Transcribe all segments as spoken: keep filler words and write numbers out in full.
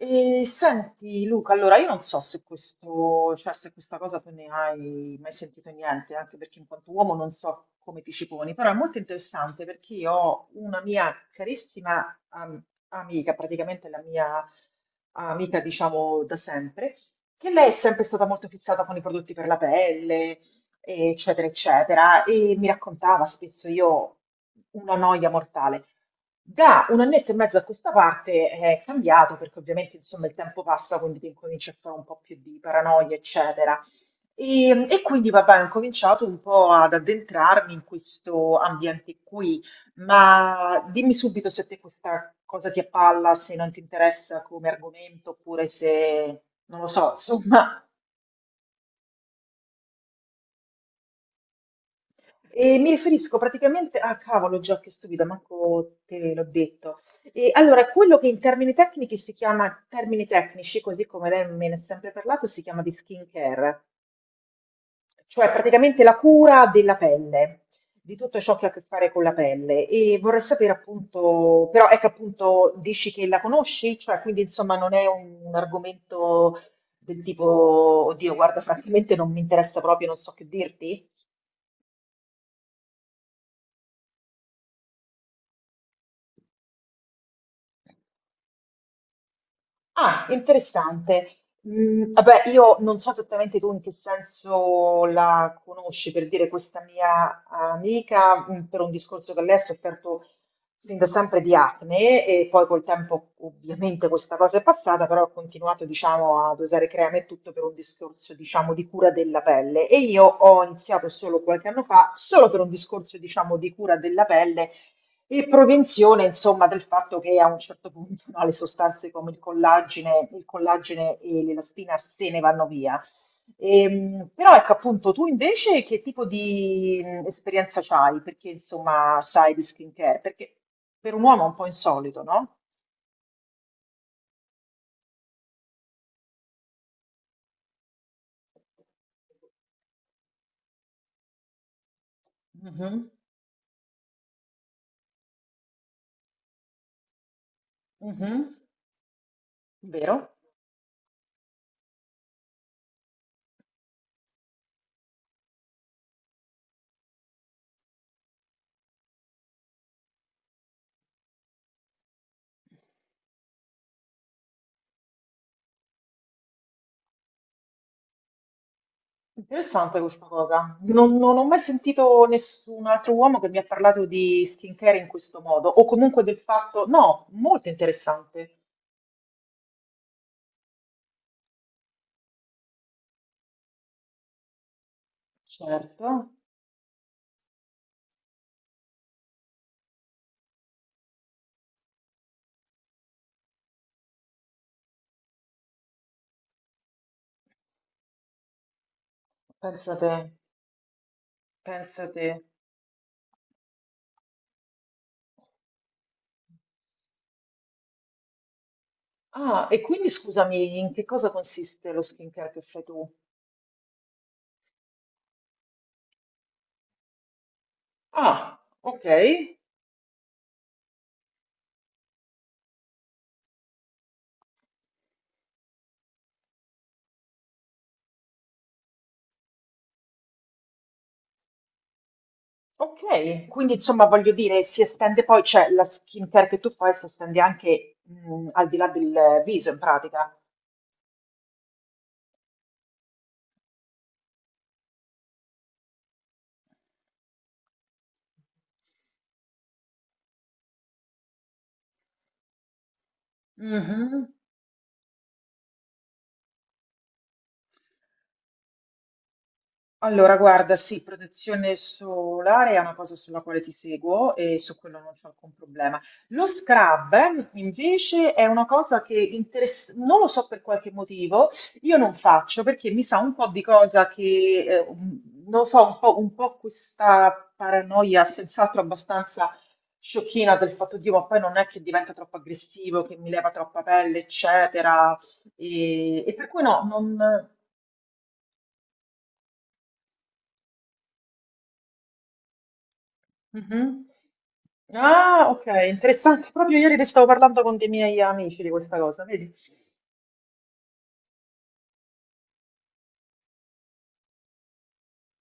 E senti Luca, allora io non so se questo, cioè se questa cosa tu ne hai mai sentito niente, anche perché in quanto uomo non so come ti ci poni, però è molto interessante perché io ho una mia carissima am- amica, praticamente la mia amica diciamo da sempre, che lei è sempre stata molto fissata con i prodotti per la pelle, eccetera, eccetera, e mi raccontava spesso io una noia mortale. Da un annetto e mezzo a questa parte è cambiato perché ovviamente insomma il tempo passa, quindi ti incominci a fare un po' più di paranoia, eccetera. E, e quindi vabbè, ho incominciato un po' ad addentrarmi in questo ambiente qui, ma dimmi subito se a te questa cosa ti appalla, se non ti interessa come argomento, oppure se, non lo so, insomma. E mi riferisco praticamente a cavolo, già che stupida, manco te l'ho detto. E allora, quello che in termini tecnici si chiama, termini tecnici, così come lei me ne ha sempre parlato, si chiama di skincare, cioè praticamente la cura della pelle, di tutto ciò che ha a che fare con la pelle. E vorrei sapere appunto, però ecco appunto, dici che la conosci, cioè quindi insomma non è un, un argomento del tipo, oddio, guarda, francamente non mi interessa proprio, non so che dirti. Ah, interessante. Mm, vabbè, io non so esattamente tu in che senso la conosci, per dire questa mia amica, mm, per un discorso che lei ha sofferto fin da sempre di acne e poi col tempo ovviamente questa cosa è passata, però ha continuato, diciamo, ad usare creme e tutto per un discorso, diciamo, di cura della pelle. E io ho iniziato solo qualche anno fa, solo per un discorso, diciamo, di cura della pelle e prevenzione, insomma, del fatto che a un certo punto no, le sostanze come il collagene, il collagene e l'elastina se ne vanno via. Ehm, però ecco appunto, tu invece che tipo di mh, esperienza c'hai? Perché insomma sai di skincare? Perché per un uomo è un po' insolito, no? Mhm, mhm. Vero? Interessante questa cosa. Non, non ho mai sentito nessun altro uomo che mi ha parlato di skincare in questo modo, o comunque del fatto, no, molto interessante. Certo, pensa te, pensa te. Ah, e quindi scusami, in che cosa consiste lo skincare che fai tu? Ah, ok, ok. Quindi insomma voglio dire, si estende poi, cioè la skincare che tu fai si estende anche mm, al di là del viso in pratica. Mhm. Allora, guarda, sì, protezione solare è una cosa sulla quale ti seguo e su quello non c'è alcun problema. Lo scrub, eh, invece, è una cosa che interess- non lo so per qualche motivo, io non faccio perché mi sa un po' di cosa che, eh, un- non lo so, un po', un po' questa paranoia, senz'altro abbastanza sciocchina del fatto di, ma poi non è che diventa troppo aggressivo, che mi leva troppa pelle, eccetera. E, e per cui no, non, Mhm. Ah, ok, interessante. Proprio ieri ne stavo parlando con dei miei amici di questa cosa, vedi?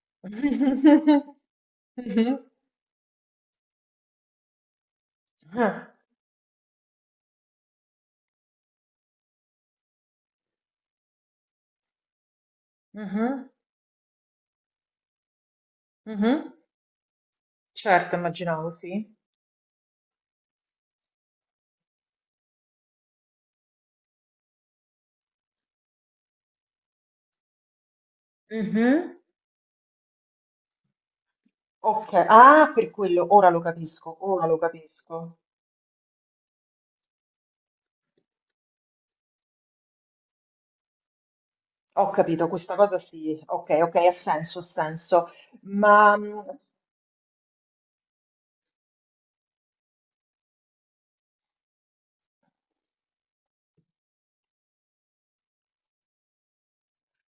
Mhm. Mhm. Ah, mhm, mhm. Certo, immaginavo, sì. Mhm. Ok, ah, per quello, ora lo capisco, ora lo capisco. Ho capito, questa cosa sì, ok, ok, ha senso, ha senso. Ma mh,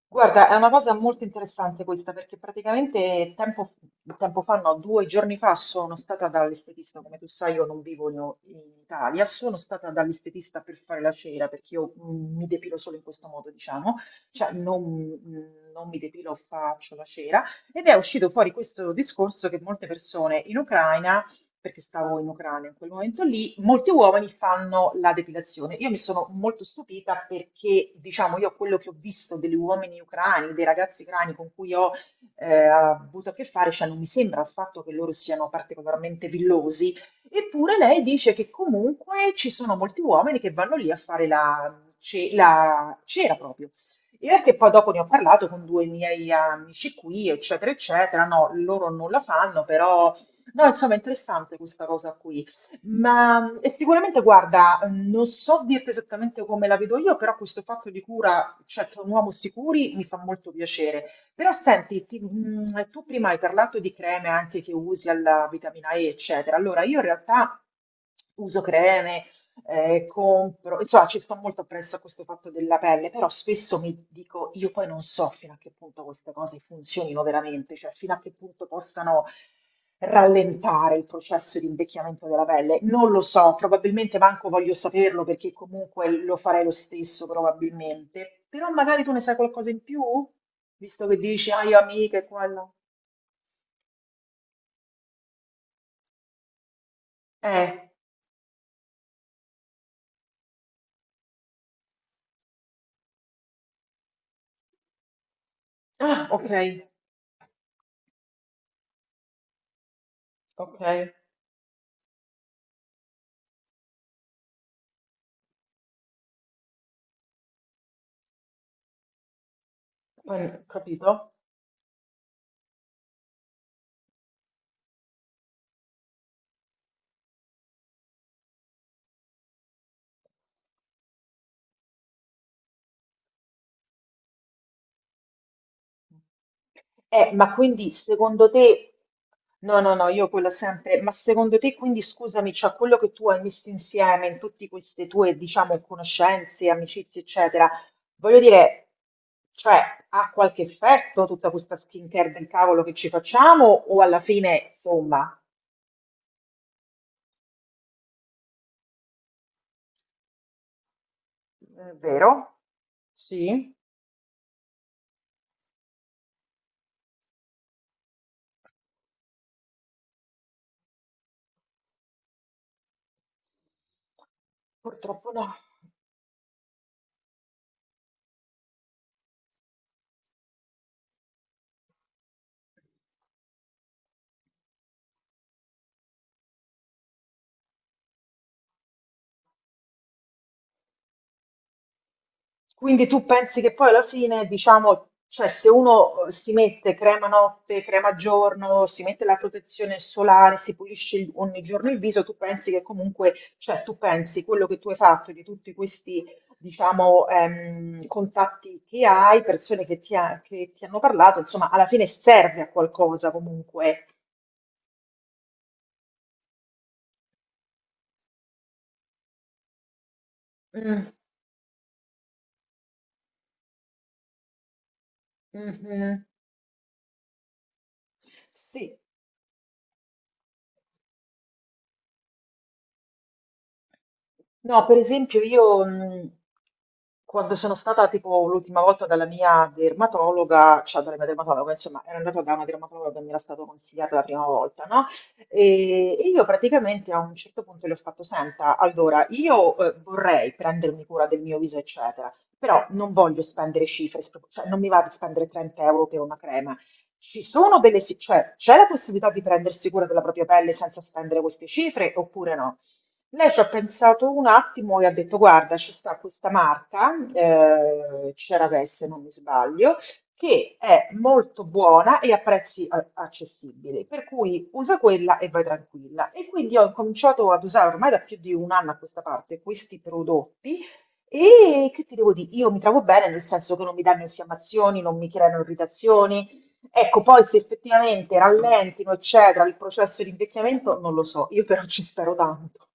guarda, è una cosa molto interessante questa perché praticamente tempo, tempo fa, no, due giorni fa sono stata dall'estetista, come tu sai io non vivo in in Italia, sono stata dall'estetista per fare la cera perché io mm, mi depilo solo in questo modo, diciamo, cioè non, mm, non mi depilo, faccio la cera ed è uscito fuori questo discorso che molte persone in Ucraina perché stavo in Ucraina in quel momento lì, molti uomini fanno la depilazione. Io mi sono molto stupita perché, diciamo, io quello che ho visto degli uomini ucraini, dei ragazzi ucraini con cui ho eh, avuto a che fare, cioè non mi sembra affatto che loro siano particolarmente villosi, eppure lei dice che comunque ci sono molti uomini che vanno lì a fare la, ce- la cera proprio. E anche poi dopo ne ho parlato con due miei amici qui, eccetera, eccetera. No, loro non la fanno, però. No, insomma, è interessante questa cosa qui. Ma e sicuramente, guarda, mm, non so dirti esattamente come la vedo io, però questo fatto di cura, cioè che un uomo si curi, mi fa molto piacere. Però senti, ti- mh, tu prima hai parlato di creme anche che usi alla vitamina E, eccetera. Allora, io in realtà uso creme eh, compro, insomma ci sto molto appresso a questo fatto della pelle, però spesso mi dico, io poi non so fino a che punto queste cose funzionino veramente, cioè fino a che punto possano rallentare il processo di invecchiamento della pelle. Non lo so, probabilmente manco voglio saperlo perché comunque lo farei lo stesso probabilmente, però magari tu ne sai qualcosa in più, visto che dici, ah io amiche, quello. Eh, ah, ok, ok. Poi, capito? Eh, ma quindi secondo te, no, no, no, io quello sempre, ma secondo te, quindi scusami, cioè quello che tu hai messo insieme in tutte queste tue, diciamo, conoscenze, amicizie, eccetera, voglio dire, cioè, ha qualche effetto tutta questa skincare del cavolo che ci facciamo o alla fine, insomma, è vero? Sì, purtroppo no. Quindi tu pensi che poi alla fine, diciamo, cioè se uno eh, si mette crema notte, crema giorno, si mette la protezione solare, si pulisce il- ogni giorno il viso, tu pensi che comunque, cioè tu pensi quello che tu hai fatto di tutti questi, diciamo, ehm, contatti che hai, persone che ti, ha- che ti hanno parlato, insomma, alla fine serve a qualcosa comunque. Mm, mhm. Sì. No, per esempio io mh, quando sono stata tipo l'ultima volta dalla mia dermatologa, cioè dalla mia dermatologa, insomma, ero andata da una dermatologa che mi era stato consigliata la prima volta, no? E, e io praticamente a un certo punto le ho fatto, senta, allora io eh, vorrei prendermi cura del mio viso, eccetera, però non voglio spendere cifre, spro- cioè non mi va di spendere trenta euro per una crema. Ci sono delle, si- cioè, c'è la possibilità di prendersi cura della propria pelle senza spendere queste cifre oppure no? Lei ci ha pensato un attimo e ha detto: Guarda, ci sta questa marca, eh, CeraVe se non mi sbaglio, che è molto buona e a prezzi a- accessibili, per cui usa quella e vai tranquilla. E quindi ho incominciato ad usare ormai da più di un anno a questa parte questi prodotti. E che ti devo dire? Io mi trovo bene, nel senso che non mi danno infiammazioni, non mi creano irritazioni. Ecco, poi se effettivamente rallentino, eccetera, il processo di invecchiamento, non lo so, io però ci spero tanto.